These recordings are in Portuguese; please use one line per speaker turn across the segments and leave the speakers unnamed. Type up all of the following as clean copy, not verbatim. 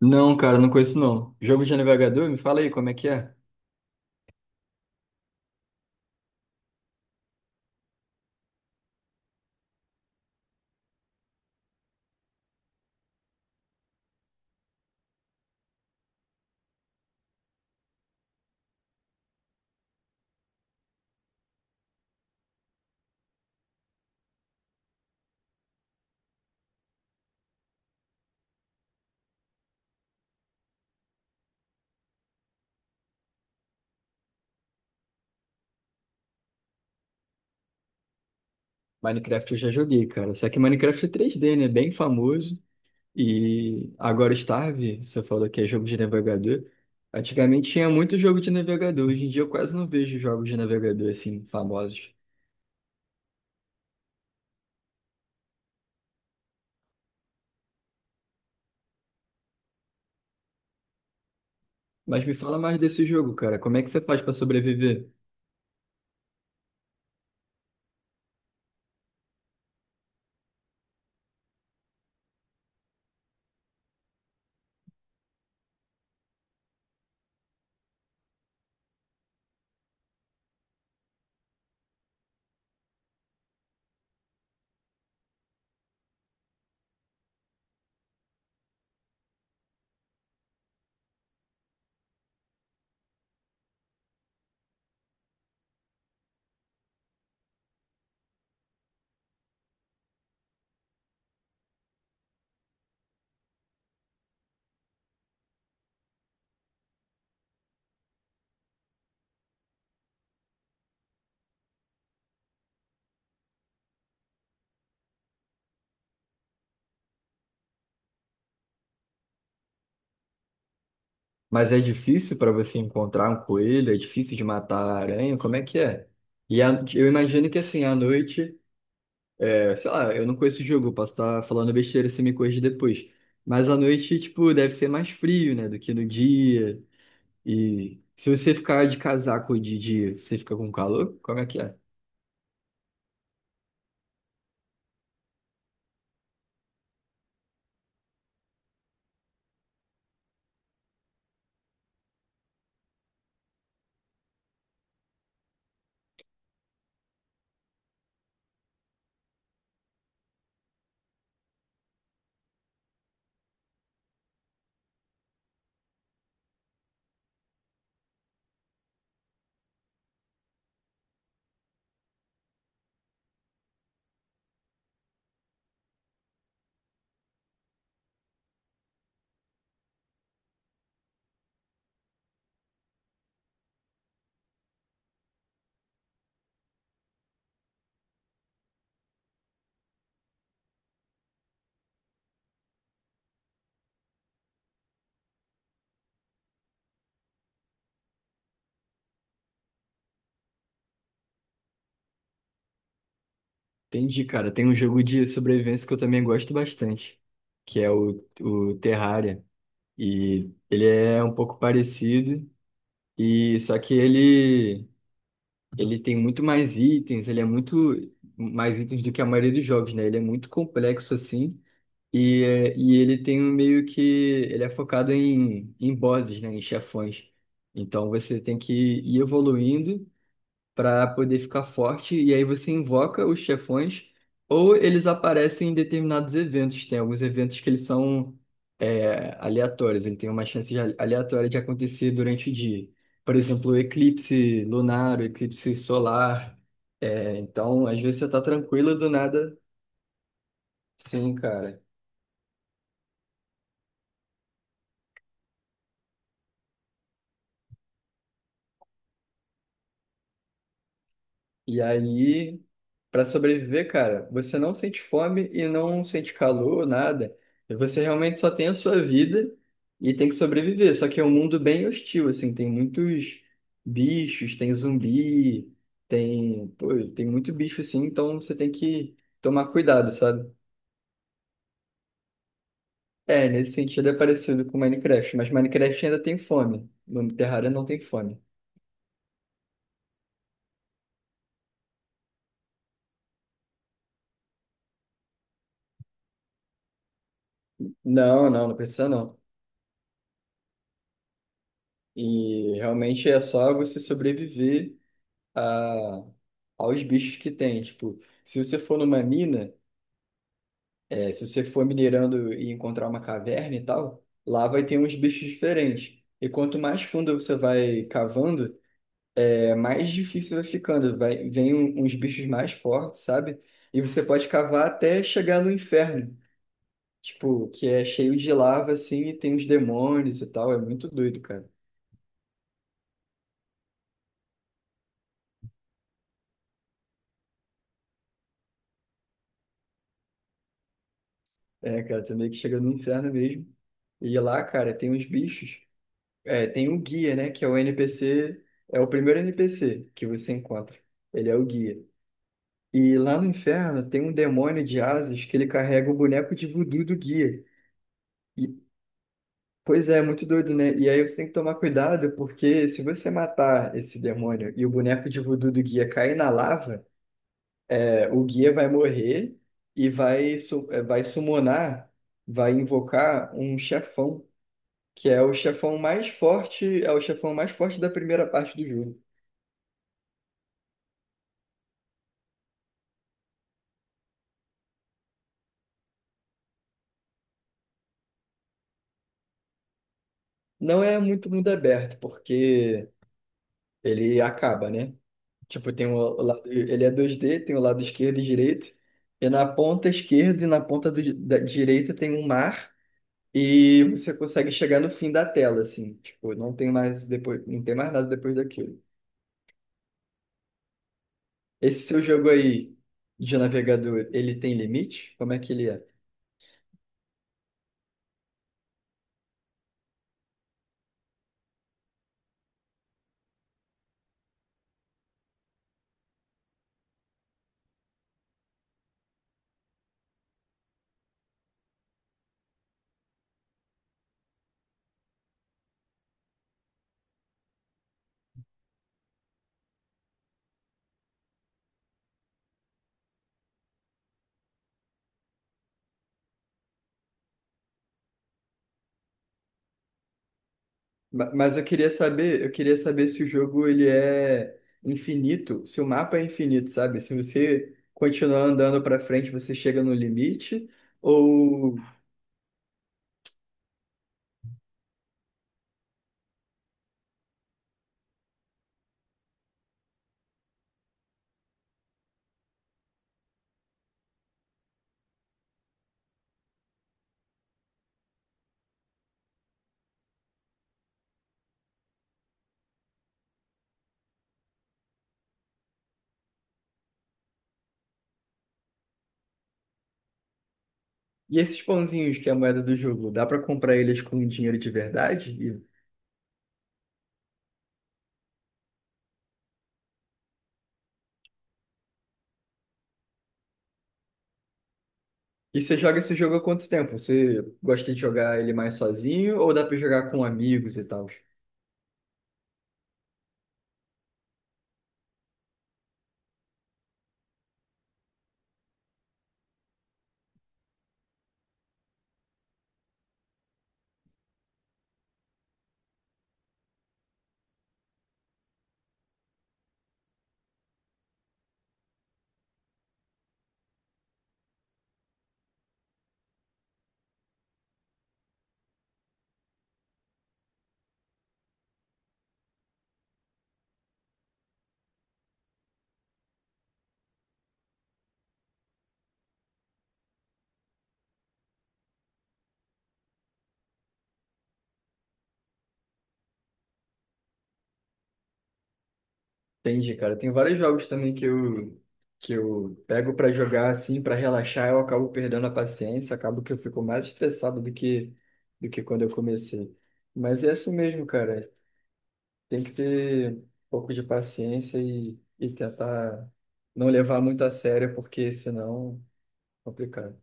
Não, cara, não conheço não. Jogo de navegador, me fala aí como é que é. Minecraft eu já joguei, cara. Só que Minecraft é três d né? Bem famoso. E agora é Starve, você falou que é jogo de navegador. Antigamente tinha muito jogo de navegador. Hoje em dia eu quase não vejo jogos de navegador assim, famosos. Mas me fala mais desse jogo, cara. Como é que você faz pra sobreviver? Mas é difícil pra você encontrar um coelho? É difícil de matar a aranha? Como é que é? Eu imagino que assim, à noite. Sei lá, eu não conheço o jogo, eu posso estar falando besteira, você me corrige depois. Mas à noite, tipo, deve ser mais frio, né, do que no dia. E se você ficar de casaco de dia, você fica com calor? Como é que é? Entendi, cara. Tem um jogo de sobrevivência que eu também gosto bastante, que é o Terraria. E ele é um pouco parecido, e só que ele, tem muito mais itens, ele é muito mais itens do que a maioria dos jogos, né? Ele é muito complexo, assim. E ele tem um meio que. Ele é focado em bosses, né? Em chefões. Então você tem que ir evoluindo para poder ficar forte. E aí você invoca os chefões, ou eles aparecem em determinados eventos. Tem alguns eventos que eles são aleatórios, ele tem uma chance de aleatória de acontecer durante o dia. Por exemplo, o eclipse lunar, o eclipse solar. É, então, às vezes você tá tranquilo do nada. Sim, cara. E aí, para sobreviver, cara, você não sente fome e não sente calor, nada. Você realmente só tem a sua vida e tem que sobreviver. Só que é um mundo bem hostil, assim, tem muitos bichos, tem zumbi, pô, tem muito bicho assim, então você tem que tomar cuidado, sabe? É, nesse sentido é parecido com Minecraft, mas Minecraft ainda tem fome. No Terraria não tem fome. Não, não, não precisa não. E realmente é só você sobreviver a- aos bichos que tem. Tipo, se você for numa mina, se você for minerando e encontrar uma caverna e tal, lá vai ter uns bichos diferentes. E quanto mais fundo você vai cavando, é mais difícil vai ficando. Vai, vem uns bichos mais fortes, sabe? E você pode cavar até chegar no inferno. Tipo, que é cheio de lava, assim, e tem uns demônios e tal. É muito doido, cara. É, cara, você meio que chega no inferno mesmo. E lá, cara, tem uns bichos. É, tem um guia, né? Que é o NPC, é o primeiro NPC que você encontra. Ele é o guia. E lá no inferno tem um demônio de asas que ele carrega o boneco de voodoo do guia. E, pois é, muito doido, né? E aí você tem que tomar cuidado, porque se você matar esse demônio e o boneco de voodoo do guia cair na lava, o guia vai morrer e vai summonar, vai invocar um chefão, que é o chefão mais forte, é o chefão mais forte da primeira parte do jogo. Não é muito mundo aberto, porque ele acaba, né? Tipo, tem o lado, ele é 2D, tem o lado esquerdo e direito, e na ponta esquerda e na ponta da direita tem um mar, e você consegue chegar no fim da tela, assim. Tipo, não tem mais depois, não tem mais nada depois daquilo. Esse seu jogo aí de navegador, ele tem limite? Como é que ele é? Mas eu queria saber, se o jogo ele é infinito, se o mapa é infinito, sabe? Se você continuar andando pra frente, você chega no limite, ou e esses pãozinhos que é a moeda do jogo, dá pra comprar eles com dinheiro de verdade? E você joga esse jogo há quanto tempo? Você gosta de jogar ele mais sozinho ou dá pra jogar com amigos e tal? Entendi, cara. Tem vários jogos também que eu, pego pra jogar assim, pra relaxar, eu acabo perdendo a paciência, acabo que eu fico mais estressado do que, quando eu comecei. Mas é assim mesmo, cara. Tem que ter um pouco de paciência e tentar não levar muito a sério, porque senão é complicado.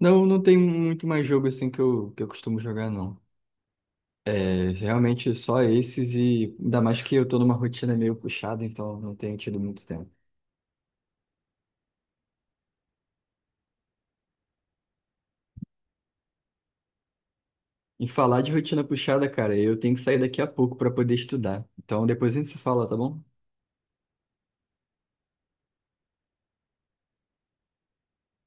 Não, não tem muito mais jogo assim que eu, costumo jogar, não. É, realmente só esses e ainda mais que eu tô numa rotina meio puxada, então não tenho tido muito tempo. E falar de rotina puxada, cara, eu tenho que sair daqui a pouco para poder estudar. Então depois a gente se fala, tá bom?